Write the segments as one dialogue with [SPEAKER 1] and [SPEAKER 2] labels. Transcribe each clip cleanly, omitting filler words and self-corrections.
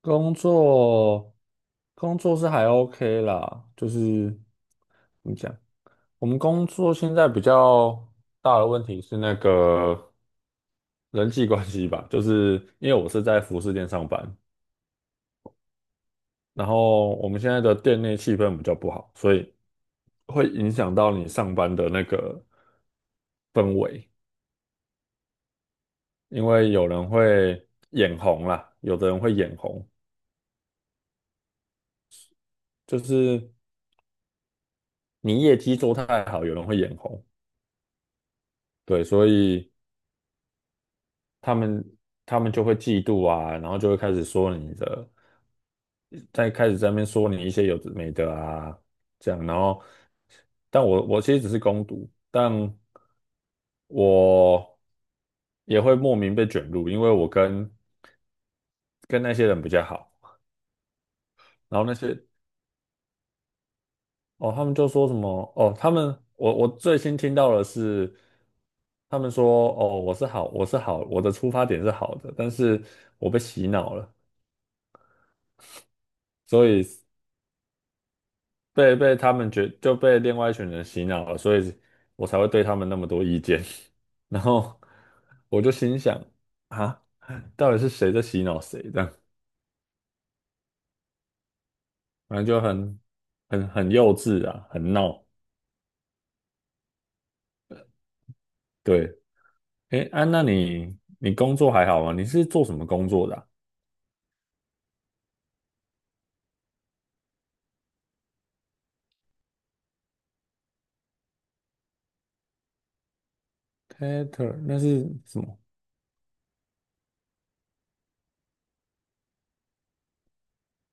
[SPEAKER 1] 工作，工作是还 OK 啦，就是怎么讲，我们工作现在比较大的问题是那个人际关系吧，就是因为我是在服饰店上班，然后我们现在的店内气氛比较不好，所以会影响到你上班的那个氛围，因为有人会眼红啦，有的人会眼红，就是你业绩做太好，有人会眼红。对，所以他们他们就会嫉妒啊，然后就会开始说你的，再开始在那边说你一些有的没的啊，这样，然后，但我其实只是攻读，但我也会莫名被卷入，因为我跟那些人比较好，然后那些哦，他们就说什么哦，他们我最新听到的是。他们说：“哦，我是好，我是好，我的出发点是好的，但是我被洗脑了，所以被他们觉就被另外一群人洗脑了，所以我才会对他们那么多意见。然后我就心想啊，到底是谁在洗脑谁？这样，反正就很幼稚啊，很闹。对，哎，安、娜，你工作还好吗？你是做什么工作的啊？Tater 那是什么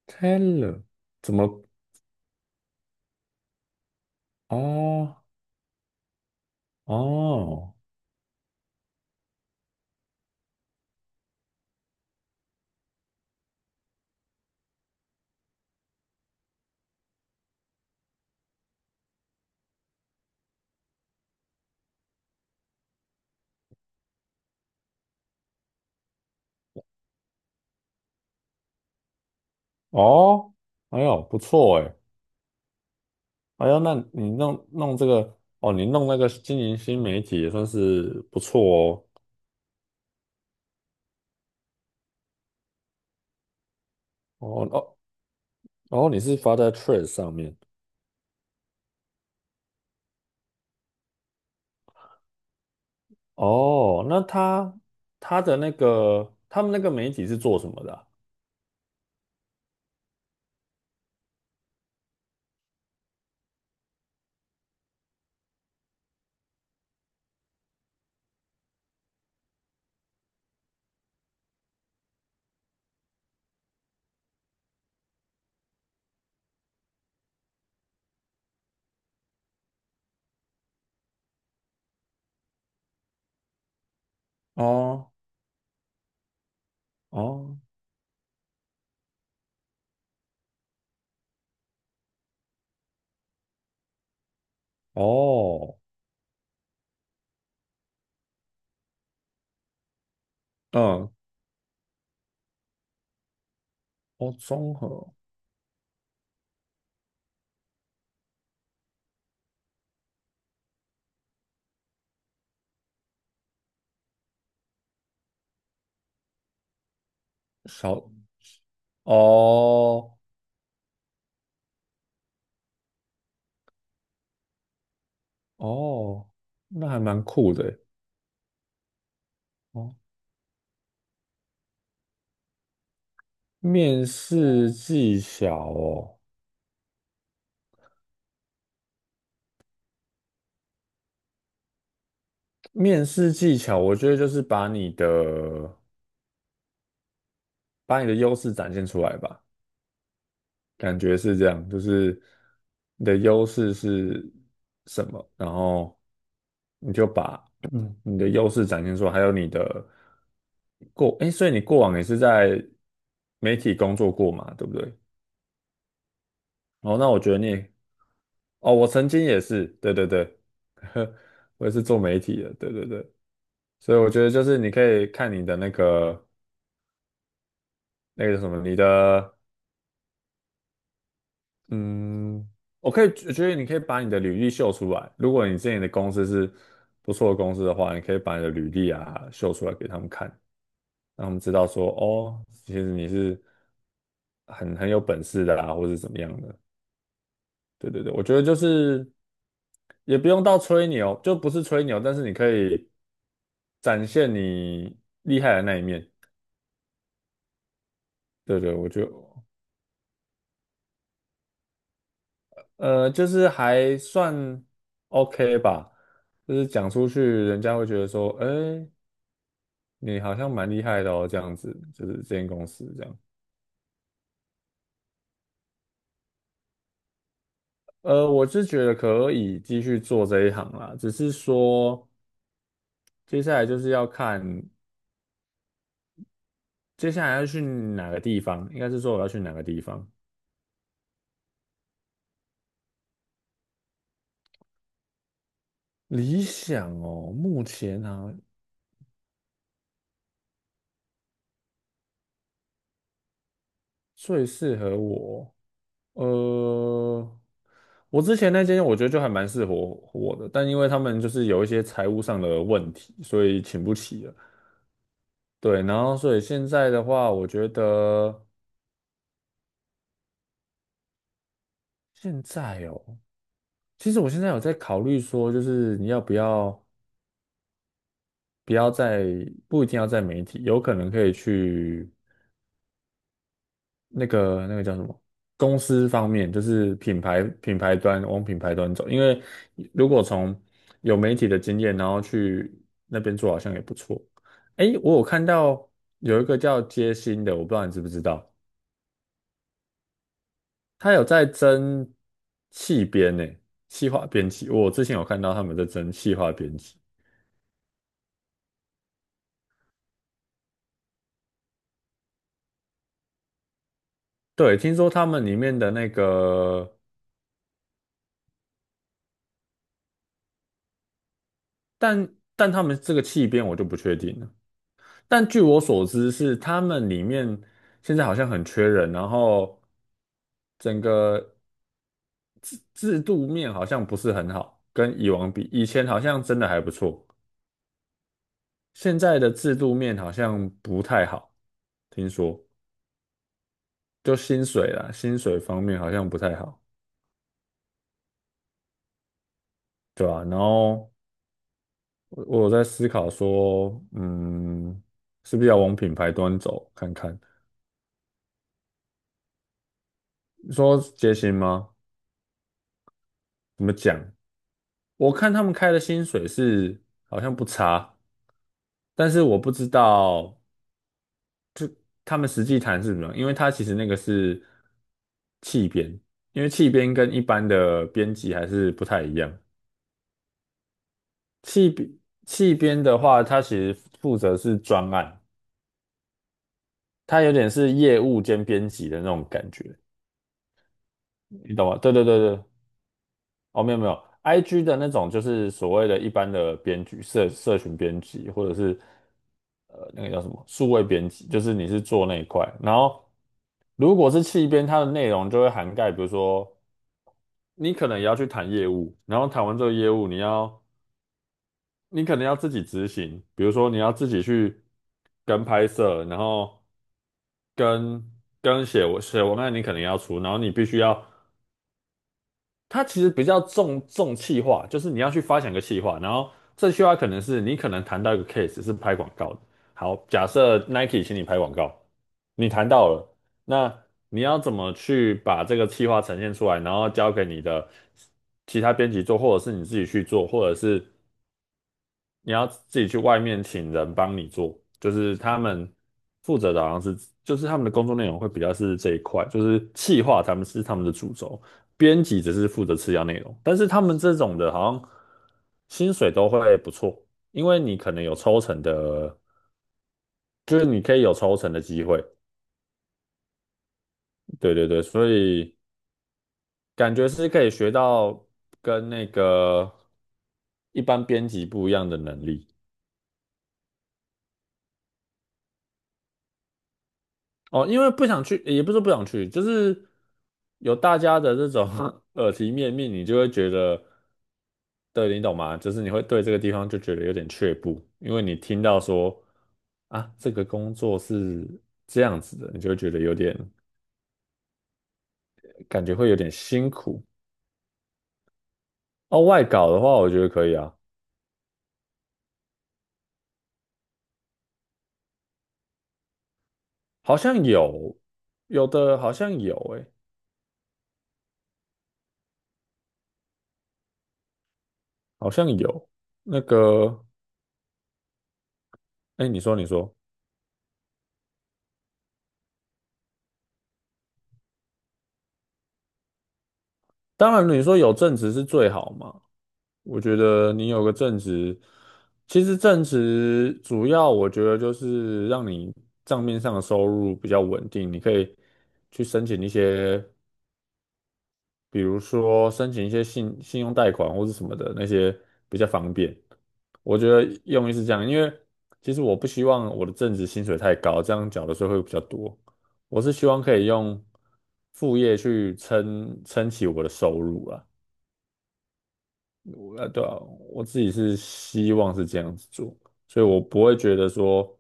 [SPEAKER 1] ？Taylor 怎么？哦哦哦，哎呦，不错哎。哎呦，那你弄这个哦，你弄那个经营新媒体也算是不错哦。哦，你是发在 t r e a d s 上面哦？那他他的那个他们那个媒体是做什么的啊哦哦哦，嗯哦，综合小哦哦，那还蛮酷的耶哦。面试技巧哦，面试技巧，我觉得就是把你的。把你的优势展现出来吧，感觉是这样，就是你的优势是什么，然后你就把你的优势展现出来，还有你的过，哎，所以你过往也是在媒体工作过嘛，对不对？哦，那我觉得你，哦，我曾经也是，对对对，我也是做媒体的，对对对，所以我觉得就是你可以看你的那个那个什么，你的。嗯，我可以，我觉得你可以把你的履历秀出来。如果你之前的公司是不错的公司的话，你可以把你的履历啊秀出来给他们看，让他们知道说，哦，其实你是很有本事的啦，或是怎么样的。对对对，我觉得就是也不用到吹牛，就不是吹牛，但是你可以展现你厉害的那一面。对对，我就就是还算 OK 吧，就是讲出去，人家会觉得说，哎。你好像蛮厉害的哦，这样子，就是这间公司这样。我是觉得可以继续做这一行啦，只是说接下来就是要看接下来要去哪个地方，应该是说我要去哪个地方。理想哦，目前啊最适合我，呃，我之前那间我觉得就还蛮适合我的，但因为他们就是有一些财务上的问题，所以请不起了。对，然后所以现在的话，我觉得现在哦。其实我现在有在考虑说，就是你要不要不要在不一定要在媒体，有可能可以去那个那个叫什么公司方面，就是品牌端往品牌端走，因为如果从有媒体的经验，然后去那边做，好像也不错。诶，我有看到有一个叫街心的，我不知道你知不知道，他有在争气编呢，企化编辑，我之前有看到他们在争企化编辑。对，听说他们里面的那个，但他们这个气编我就不确定了。但据我所知是他们里面现在好像很缺人，然后整个制度面好像不是很好，跟以往比，以前好像真的还不错，现在的制度面好像不太好，听说就薪水啦，薪水方面好像不太好，对吧？然后。我有在思考说，嗯，是不是要往品牌端走看看？你说节行吗？怎么讲？我看他们开的薪水是好像不差，但是我不知道他们实际谈是什么，因为他其实那个是气编，因为气编跟一般的编辑还是不太一样。气编气编的话，他其实负责是专案，他有点是业务兼编辑的那种感觉，你懂吗？对对对对，哦，没有没有，IG 的那种就是所谓的一般的编辑、社群编辑，或者是那个叫什么数位编辑，就是你是做那一块。然后如果是企编，它的内容就会涵盖，比如说你可能也要去谈业务，然后谈完这个业务，你可能要自己执行，比如说你要自己去跟拍摄，然后跟跟写文案，你可能要出，然后你必须要。它其实比较重企划，就是你要去发想一个企划，然后这句话可能是你可能谈到一个 case 是拍广告的。好，假设 Nike 请你拍广告，你谈到了，那你要怎么去把这个企划呈现出来，然后交给你的其他编辑做，或者是你自己去做，或者是你要自己去外面请人帮你做，就是他们负责的好像是，就是他们的工作内容会比较是这一块，就是企划他们是他们的主轴，编辑只是负责次要内容，但是他们这种的好像薪水都会不错，因为你可能有抽成的，就是你可以有抽成的机会，对对对，所以感觉是可以学到跟那个一般编辑不一样的能力。哦，因为不想去，也不是不想去，就是有大家的这种 耳提面命，你就会觉得，对，你懂吗？就是你会对这个地方就觉得有点却步，因为你听到说啊，这个工作是这样子的，你就会觉得有点，感觉会有点辛苦。哦，外搞的话，我觉得可以啊，好像有，有的好像有、欸，好像有那个，哎、你说，你说，当然你说有正职是最好嘛。我觉得你有个正职，其实正职主要我觉得就是让你账面上的收入比较稳定，你可以去申请一些，比如说申请一些信用贷款或是什么的那些比较方便。我觉得用意是这样，因为其实我不希望我的正职薪水太高，这样缴的税会比较多。我是希望可以用副业去撑起我的收入啊。我对啊，我自己是希望是这样子做，所以我不会觉得说，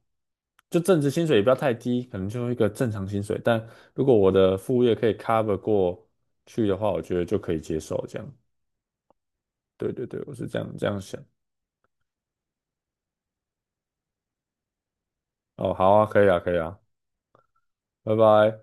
[SPEAKER 1] 就正职薪水也不要太低，可能就一个正常薪水。但如果我的副业可以 cover 过去的话，我觉得就可以接受这样。对对对，我是这样想。哦，好啊，可以啊，可以啊，拜拜。